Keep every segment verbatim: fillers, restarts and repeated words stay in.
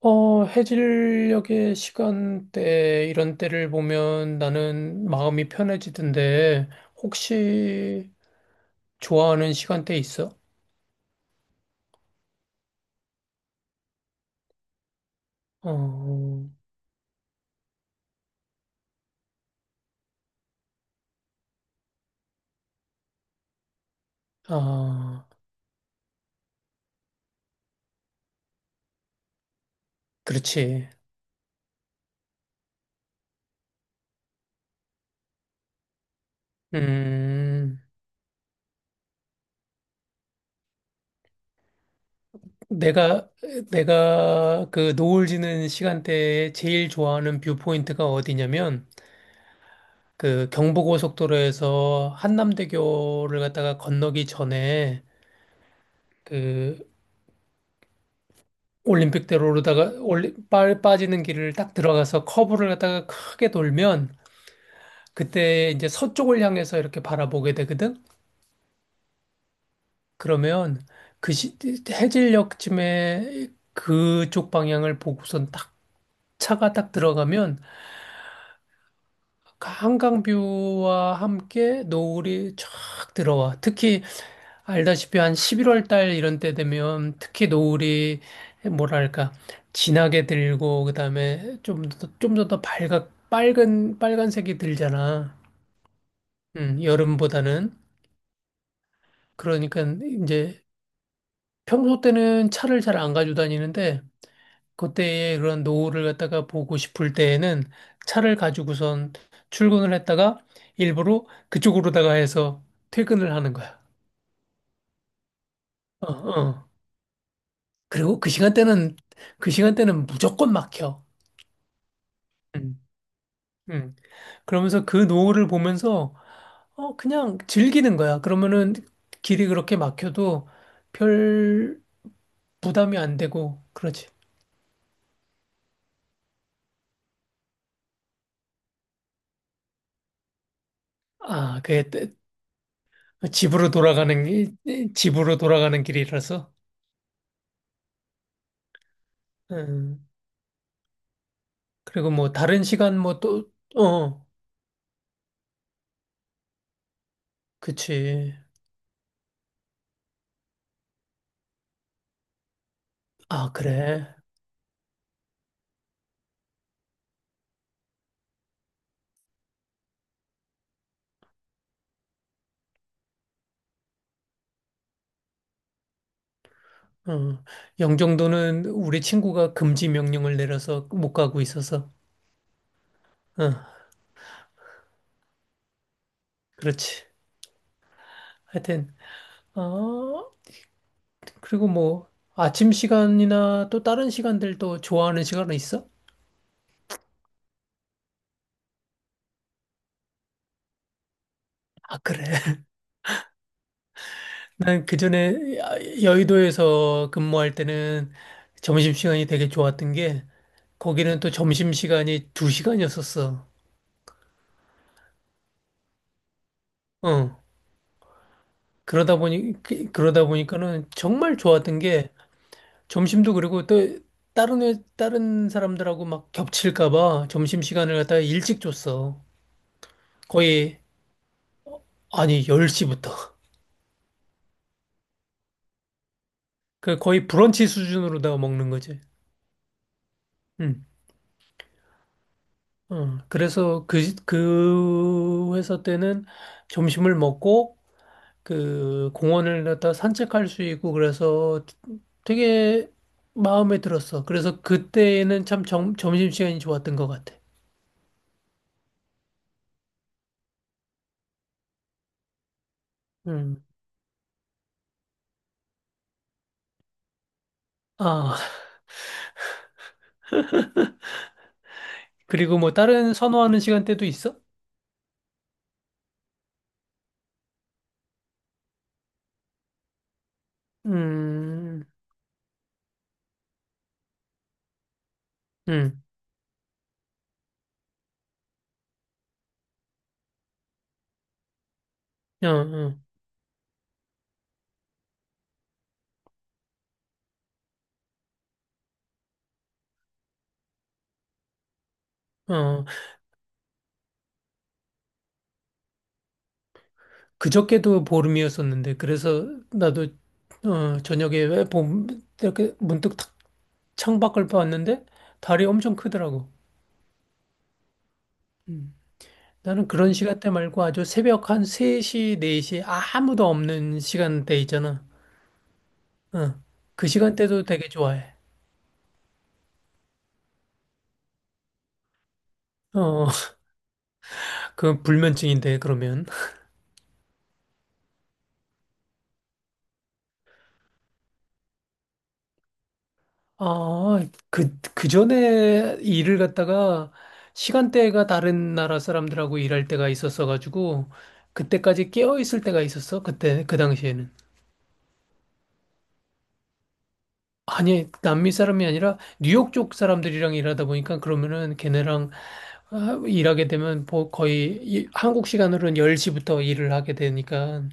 어, 해질녘의 시간대, 이런 때를 보면 나는 마음이 편해지던데, 혹시 좋아하는 시간대 있어? 어, 아, 그렇지. 음, 내가, 내가 그 노을 지는 시간대에 제일 좋아하는 뷰포인트가 어디냐면, 그 경부고속도로에서 한남대교를 갔다가 건너기 전에, 그 올림픽대로 오르다가 올리, 빠, 빠지는 길을 딱 들어가서 커브를 갖다가 크게 돌면 그때 이제 서쪽을 향해서 이렇게 바라보게 되거든. 그러면 그 시, 해질녘쯤에 그쪽 방향을 보고선 딱 차가 딱 들어가면 한강뷰와 함께 노을이 쫙 들어와. 특히 알다시피 한 십일월 달 이런 때 되면 특히 노을이 뭐랄까 진하게 들고 그다음에 좀 더 좀 더 더 밝아 빨간 빨간색이 들잖아. 음, 여름보다는 그러니까 이제 평소 때는 차를 잘 안 가지고 다니는데 그때의 그런 노을을 갖다가 보고 싶을 때에는 차를 가지고선 출근을 했다가 일부러 그쪽으로다가 해서 퇴근을 하는 거야. 어, 어. 그리고 그 시간대는 그 시간대는 무조건 막혀. 음, 음. 그러면서 그 노을을 보면서 어, 그냥 즐기는 거야. 그러면은 길이 그렇게 막혀도 별 부담이 안 되고, 그렇지. 아, 그게 때- 집으로 돌아가는, 길- 집으로 돌아가는 길이라서. 음. 그리고 뭐 다른 시간 뭐 또, 어, 그치. 아, 그래. 어. 영종도는 우리 친구가 금지 명령을 내려서 못 가고 있어서. 어, 그렇지. 하여튼, 어, 그리고 뭐 아침 시간이나 또 다른 시간들도 좋아하는 시간은 있어? 아, 그래. 난 그전에 여의도에서 근무할 때는 점심시간이 되게 좋았던 게 거기는 또 점심시간이 두시간이었었어. 어. 그러다 보니 그- 그러다 보니까는 정말 좋았던 게 점심도 그리고 또 다른 회- 다른 사람들하고 막 겹칠까 봐 점심시간을 갖다가 일찍 줬어. 거의 아니 열 시부터. 그 거의 브런치 수준으로 다 먹는 거지. 응. 어, 그래서 그, 그 회사 때는 점심을 먹고 그 공원을 갖다 산책할 수 있고 그래서 되게 마음에 들었어. 그래서 그때는 참 점, 점심시간이 좋았던 것 같아. 음. 아, 그리고 뭐 다른 선호하는 시간대도 있어? 음, 음, 어, 어, 어. 그저께도 보름이었었는데 그래서 나도 어, 저녁에 왜 봄, 이렇게 문득 탁 창밖을 봤는데 달이 엄청 크더라고. 음. 나는 그런 시간대 말고 아주 새벽 한 세 시, 네 시 아무도 없는 시간대 있잖아. 어. 그 시간대도 되게 좋아해. 어, 그 불면증인데, 그러면. 아, 그, 그 전에 일을 갖다가 시간대가 다른 나라 사람들하고 일할 때가 있었어가지고, 그때까지 깨어 있을 때가 있었어. 그때, 그 당시에는. 아니, 남미 사람이 아니라 뉴욕 쪽 사람들이랑 일하다 보니까 그러면은 걔네랑 아, 일하게 되면 뭐 거의 이- 한국 시간으로는 열 시부터 일을 하게 되니까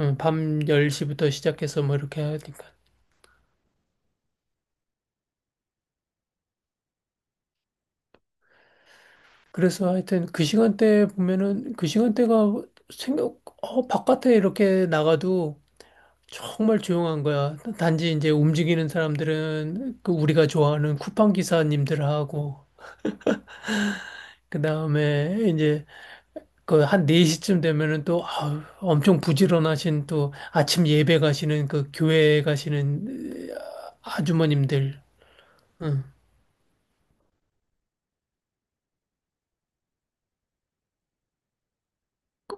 음, 밤 열 시부터 시작해서 뭐 이렇게 하니까 그래서 하여튼 그 시간대 보면은 그 시간대가 생각 어, 바깥에 이렇게 나가도 정말 조용한 거야. 단지 이제 움직이는 사람들은 그 우리가 좋아하는 쿠팡 기사님들하고 그다음에 그 한 네 시쯤 되면은 또 아우, 엄청 부지런하신 또 아침 예배 가시는 그 교회 가시는 으, 아주머님들. 응.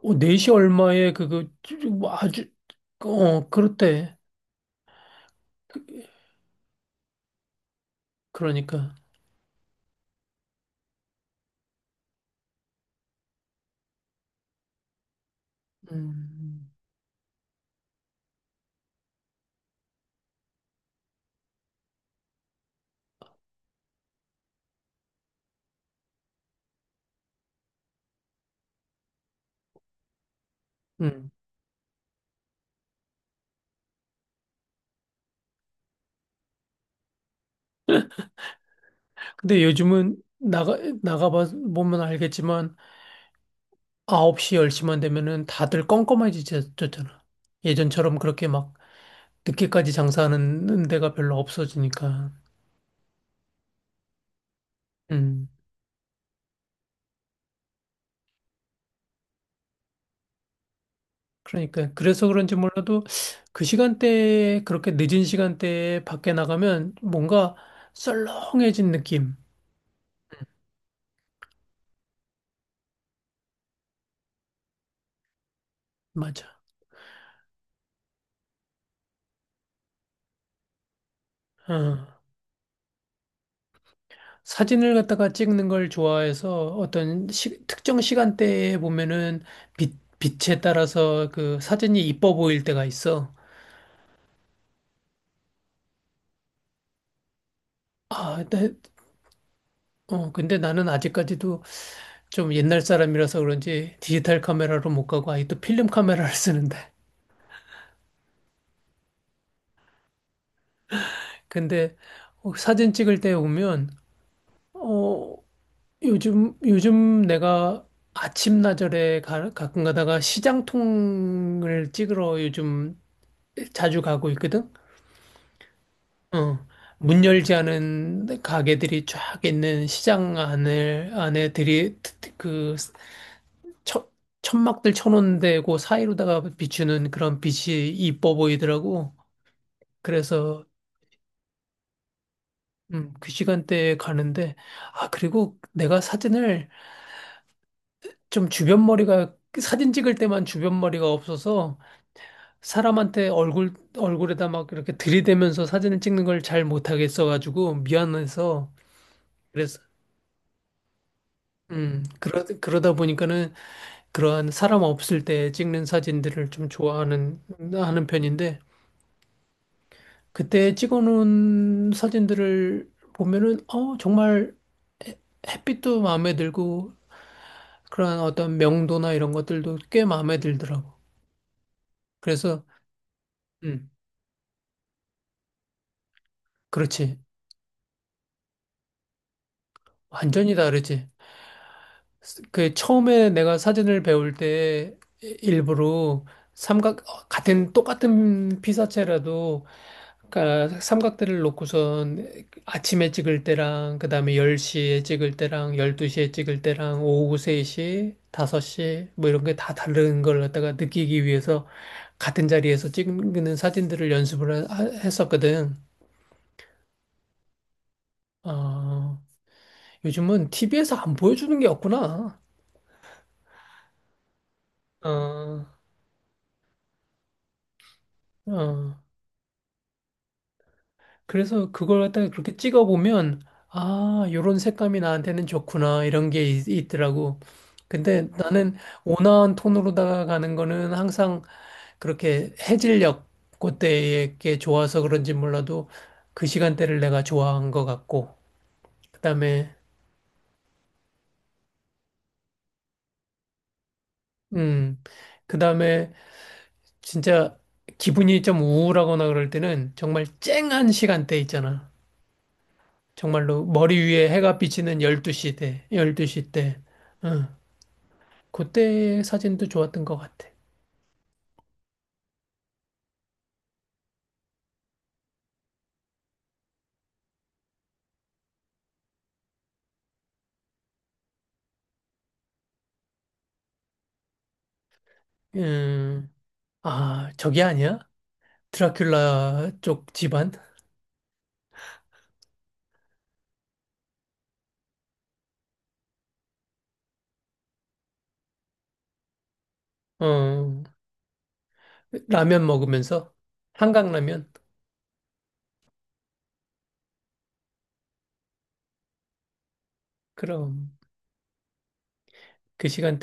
어, 네 시 얼마에 그거 쭈- 뭐 아주 그, 어 그렇대. 그- 그러니까. 음. 음. 근데 요즘은 나가 나가 봐 보면 알겠지만 아홉 시 열 시만 되면은 다들 껌껌해지셨잖아. 예전처럼 그렇게 막 늦게까지 장사하는 데가 별로 없어지니까. 음. 그러니까 그래서 그런지 몰라도 그 시간대에 그렇게 늦은 시간대에 밖에 나가면 뭔가 썰렁해진 느낌. 맞아. 어. 사진을 갖다가 찍는 걸 좋아해서 어떤 시- 특정 시간대에 보면은 빛, 빛에 따라서 그 사진이 이뻐 보일 때가 있어. 아, 근데, 어, 근데 나는 아직까지도 좀 옛날 사람이라서 그런지 디지털 카메라로 못 가고 아직도 필름 카메라를 쓰는데. 근데 어, 사진 찍을 때 보면 어, 요즘, 요즘 내가 아침나절에 가, 가끔 가다가 시장통을 찍으러 요즘 자주 가고 있거든? 어. 문 열지 않은 가게들이 쫙 있는 시장 안을, 안에 들이, 그, 천, 천막들 쳐놓은 데고 사이로다가 비추는 그런 빛이 이뻐 보이더라고. 그래서, 음, 그 시간대에 가는데, 아, 그리고 내가 사진을 좀 주변 머리가, 사진 찍을 때만 주변 머리가 없어서, 사람한테 얼굴, 얼굴에다 막 이렇게 들이대면서 사진을 찍는 걸 잘 못하겠어가지고 미안해서 그래서, 음, 그러, 그러다 보니까는 그러한 사람 없을 때 찍는 사진들을 좀 좋아하는, 하는 편인데 그때 찍어놓은 사진들을 보면은, 어, 정말 햇빛도 마음에 들고 그러한 어떤 명도나 이런 것들도 꽤 마음에 들더라고. 그래서, 음, 그렇지. 완전히 다르지. 그 처음에 내가 사진을 배울 때 일부러 삼각 같은 똑같은 피사체라도 그러니까 삼각대를 놓고선 아침에 찍을 때랑 그다음에 열 시에 찍을 때랑 열두 시에 찍을 때랑 오후 세 시, 다섯 시 뭐 이런 게 다 다른 걸 갖다가 느끼기 위해서 같은 자리에서 찍는 사진들을 연습을 하- 했었거든. 어, 요즘은 티비에서 안 보여주는 게 없구나. 어, 어. 그래서 그걸 갖다가 그렇게 찍어보면, 아, 요런 색감이 나한테는 좋구나, 이런 게 있, 있더라고. 근데 나는 온화한 톤으로다가 가는 거는 항상 그렇게 해질녘 그때에 게 좋아서 그런지 몰라도 그 시간대를 내가 좋아한 것 같고, 그다음에, 음, 그다음에 진짜 기분이 좀 우울하거나 그럴 때는 정말 쨍한 시간대 있잖아. 정말로 머리 위에 해가 비치는 열두 시 때, 열두 시 때. 응. 그때 사진도 좋았던 것 같아. 음, 아, 저게 아니야? 드라큘라 쪽 집안? 어, 라면 먹으면서? 한강라면? 그럼, 그 시간대